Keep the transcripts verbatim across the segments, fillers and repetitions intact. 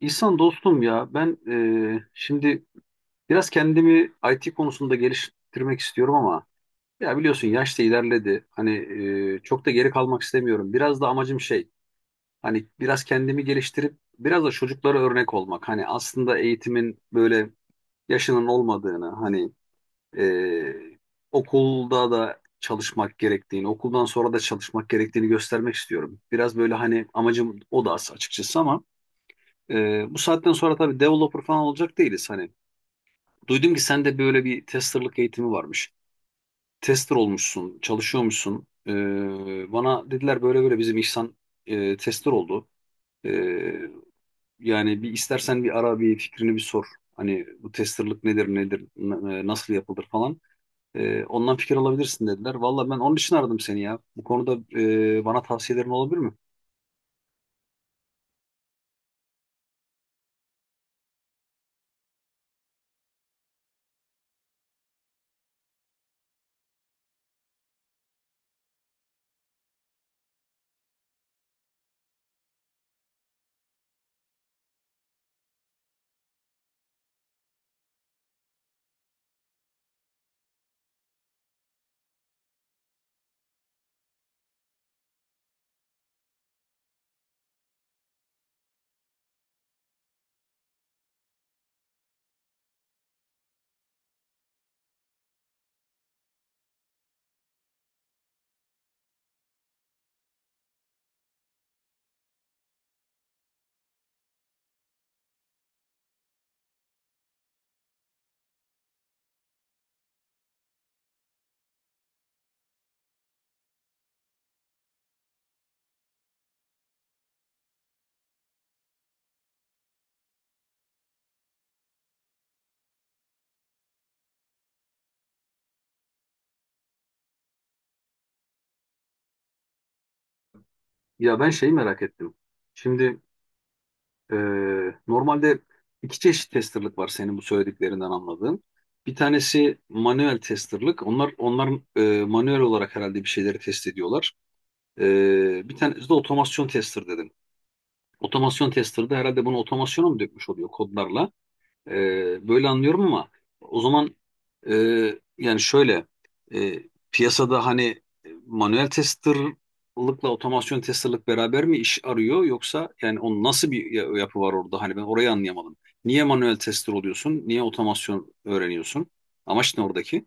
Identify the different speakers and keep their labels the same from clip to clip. Speaker 1: İhsan dostum, ya ben, e, şimdi biraz kendimi I T konusunda geliştirmek istiyorum ama ya biliyorsun, yaş da ilerledi. Hani e, çok da geri kalmak istemiyorum. Biraz da amacım şey, hani biraz kendimi geliştirip biraz da çocuklara örnek olmak. Hani aslında eğitimin böyle yaşının olmadığını, hani e, okulda da çalışmak gerektiğini, okuldan sonra da çalışmak gerektiğini göstermek istiyorum. Biraz böyle hani amacım o da, açıkçası. Ama ee, bu saatten sonra tabii developer falan olacak değiliz. Hani duydum ki sende böyle bir testerlık eğitimi varmış. Tester olmuşsun, çalışıyormuşsun. Ee, bana dediler böyle böyle, bizim İhsan e, tester oldu. Ee, Yani bir istersen bir ara bir fikrini bir sor. Hani bu testerlık nedir nedir n- e, nasıl yapılır falan. Ee, ondan fikir alabilirsin dediler. Valla ben onun için aradım seni ya. Bu konuda e, bana tavsiyelerin olabilir mi? Ya ben şeyi merak ettim. Şimdi Ee, normalde iki çeşit testerlık var, senin bu söylediklerinden anladığım. Bir tanesi manuel testerlık. Onlar onlar e, manuel olarak herhalde bir şeyleri test ediyorlar. Ee, bir tanesi de otomasyon tester dedim. Otomasyon tester'da herhalde bunu otomasyona mı dökmüş oluyor kodlarla? Ee, böyle anlıyorum ama o zaman e, yani şöyle, e, piyasada hani e, manuel testerlıkla otomasyon testerlık beraber mi iş arıyor, yoksa yani onun nasıl bir ya- yapı var orada, hani ben orayı anlayamadım. Niye manuel tester oluyorsun? Niye otomasyon öğreniyorsun? Amaç ne oradaki?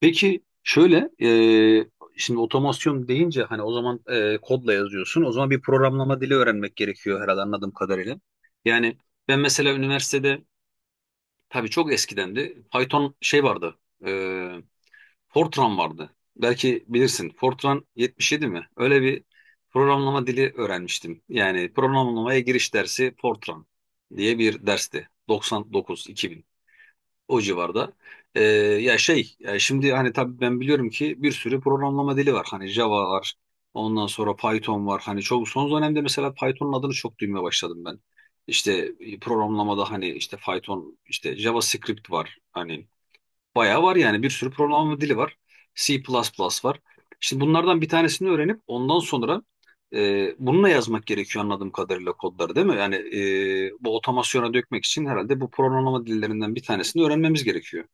Speaker 1: Peki şöyle, e, şimdi otomasyon deyince hani o zaman e, kodla yazıyorsun. O zaman bir programlama dili öğrenmek gerekiyor herhalde, anladığım kadarıyla. Yani ben mesela üniversitede, tabii çok eskidendi, Python şey vardı. E, Fortran vardı. Belki bilirsin. Fortran yetmiş yedi mi? Öyle bir programlama dili öğrenmiştim. Yani programlamaya giriş dersi Fortran diye bir dersti. doksan dokuz-iki bin. O civarda. Ee, ya şey, ya şimdi hani tabii ben biliyorum ki bir sürü programlama dili var. Hani Java var. Ondan sonra Python var. Hani çok son dönemde mesela Python'un adını çok duymaya başladım ben. İşte e, programlamada hani işte Python, işte JavaScript var. Hani bayağı var yani, bir sürü programlama dili var. C++ var. Şimdi bunlardan bir tanesini öğrenip ondan sonra e, bununla yazmak gerekiyor anladığım kadarıyla, kodları değil mi? Yani e, bu otomasyona dökmek için herhalde bu programlama dillerinden bir tanesini öğrenmemiz gerekiyor.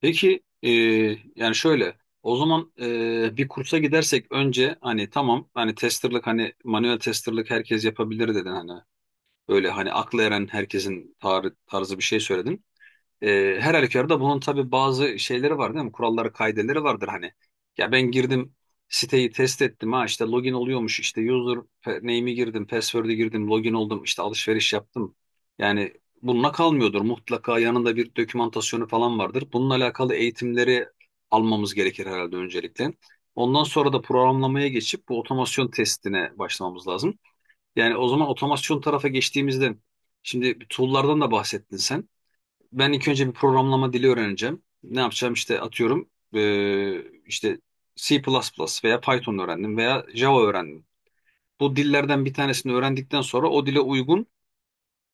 Speaker 1: Peki e, yani şöyle, o zaman e, bir kursa gidersek önce, hani tamam, hani testerlık, hani manuel testerlık herkes yapabilir dedin, hani öyle hani akla eren herkesin tar- tarzı bir şey söyledin. Ee, her halükarda bunun tabii bazı şeyleri var değil mi? Kuralları, kaideleri vardır hani. Ya ben girdim, siteyi test ettim, ha işte login oluyormuş, işte user pe- name'i girdim, password'ü girdim, login oldum, işte alışveriş yaptım. Yani bununla kalmıyordur. Mutlaka yanında bir dokümantasyonu falan vardır. Bununla alakalı eğitimleri almamız gerekir herhalde öncelikle. Ondan sonra da programlamaya geçip bu otomasyon testine başlamamız lazım. Yani o zaman otomasyon tarafa geçtiğimizde, şimdi tool'lardan da bahsettin sen, ben ilk önce bir programlama dili öğreneceğim. Ne yapacağım, işte atıyorum eee, işte C++ veya Python öğrendim veya Java öğrendim. Bu dillerden bir tanesini öğrendikten sonra o dile uygun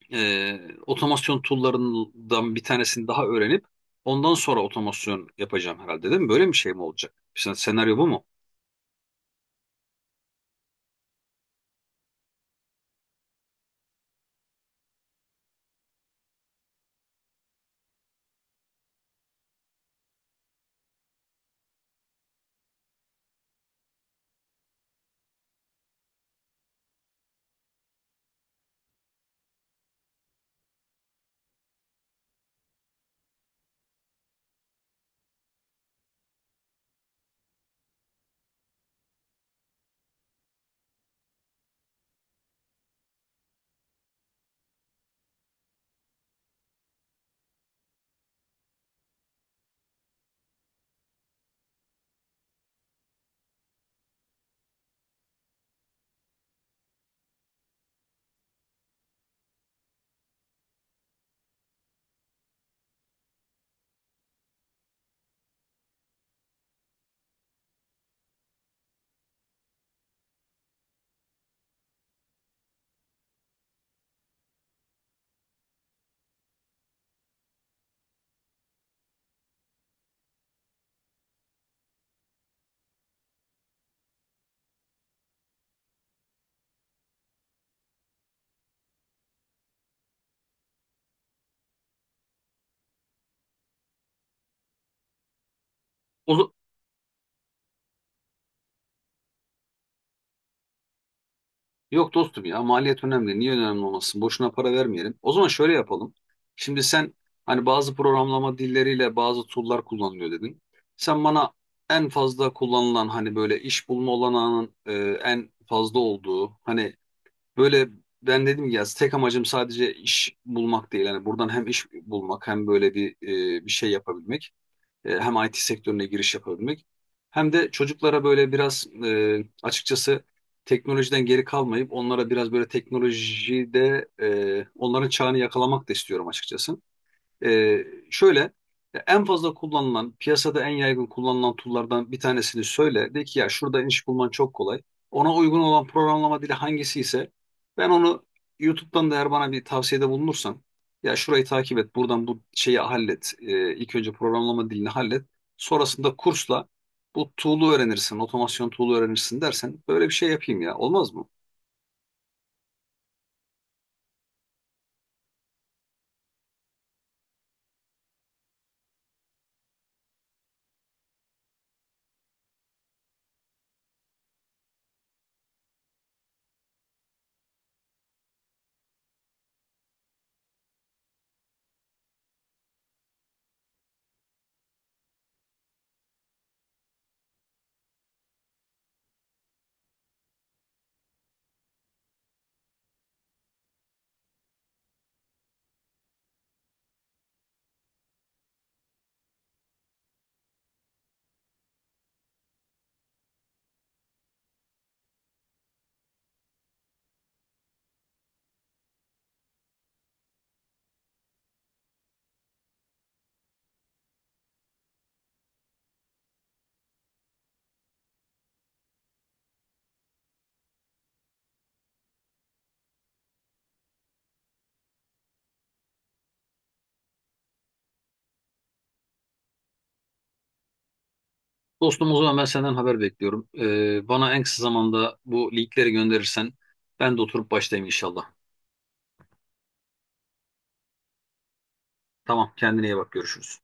Speaker 1: eee, otomasyon tool'larından bir tanesini daha öğrenip ondan sonra otomasyon yapacağım herhalde değil mi? Böyle bir şey mi olacak? Sen- Senaryo bu mu? O, yok dostum ya, maliyet önemli. Niye önemli olmasın? Boşuna para vermeyelim. O zaman şöyle yapalım. Şimdi sen hani bazı programlama dilleriyle bazı tool'lar kullanılıyor dedin. Sen bana en fazla kullanılan, hani böyle iş bulma olanağının e, en fazla olduğu, hani böyle, ben dedim ya, tek amacım sadece iş bulmak değil. Hani buradan hem iş bulmak, hem böyle bir e, bir şey yapabilmek. E, hem I T sektörüne giriş yapabilmek, hem de çocuklara böyle biraz e, açıkçası teknolojiden geri kalmayıp onlara biraz böyle teknolojide e, onların çağını yakalamak da istiyorum açıkçası. Ee, şöyle, en fazla kullanılan, piyasada en yaygın kullanılan tool'lardan bir tanesini söyle. De ki ya şurada iş bulman çok kolay. Ona uygun olan programlama dili hangisi ise ben onu YouTube'dan da, eğer bana bir tavsiyede bulunursan, ya şurayı takip et, buradan bu şeyi hallet. Ee, ilk önce programlama dilini hallet. Sonrasında kursla bu tool'u öğrenirsin, otomasyon tool'u öğrenirsin dersen, böyle bir şey yapayım ya. Olmaz mı? Dostum, o zaman ben senden haber bekliyorum. Ee, bana en kısa zamanda bu linkleri gönderirsen ben de oturup başlayayım inşallah. Tamam, kendine iyi bak, görüşürüz.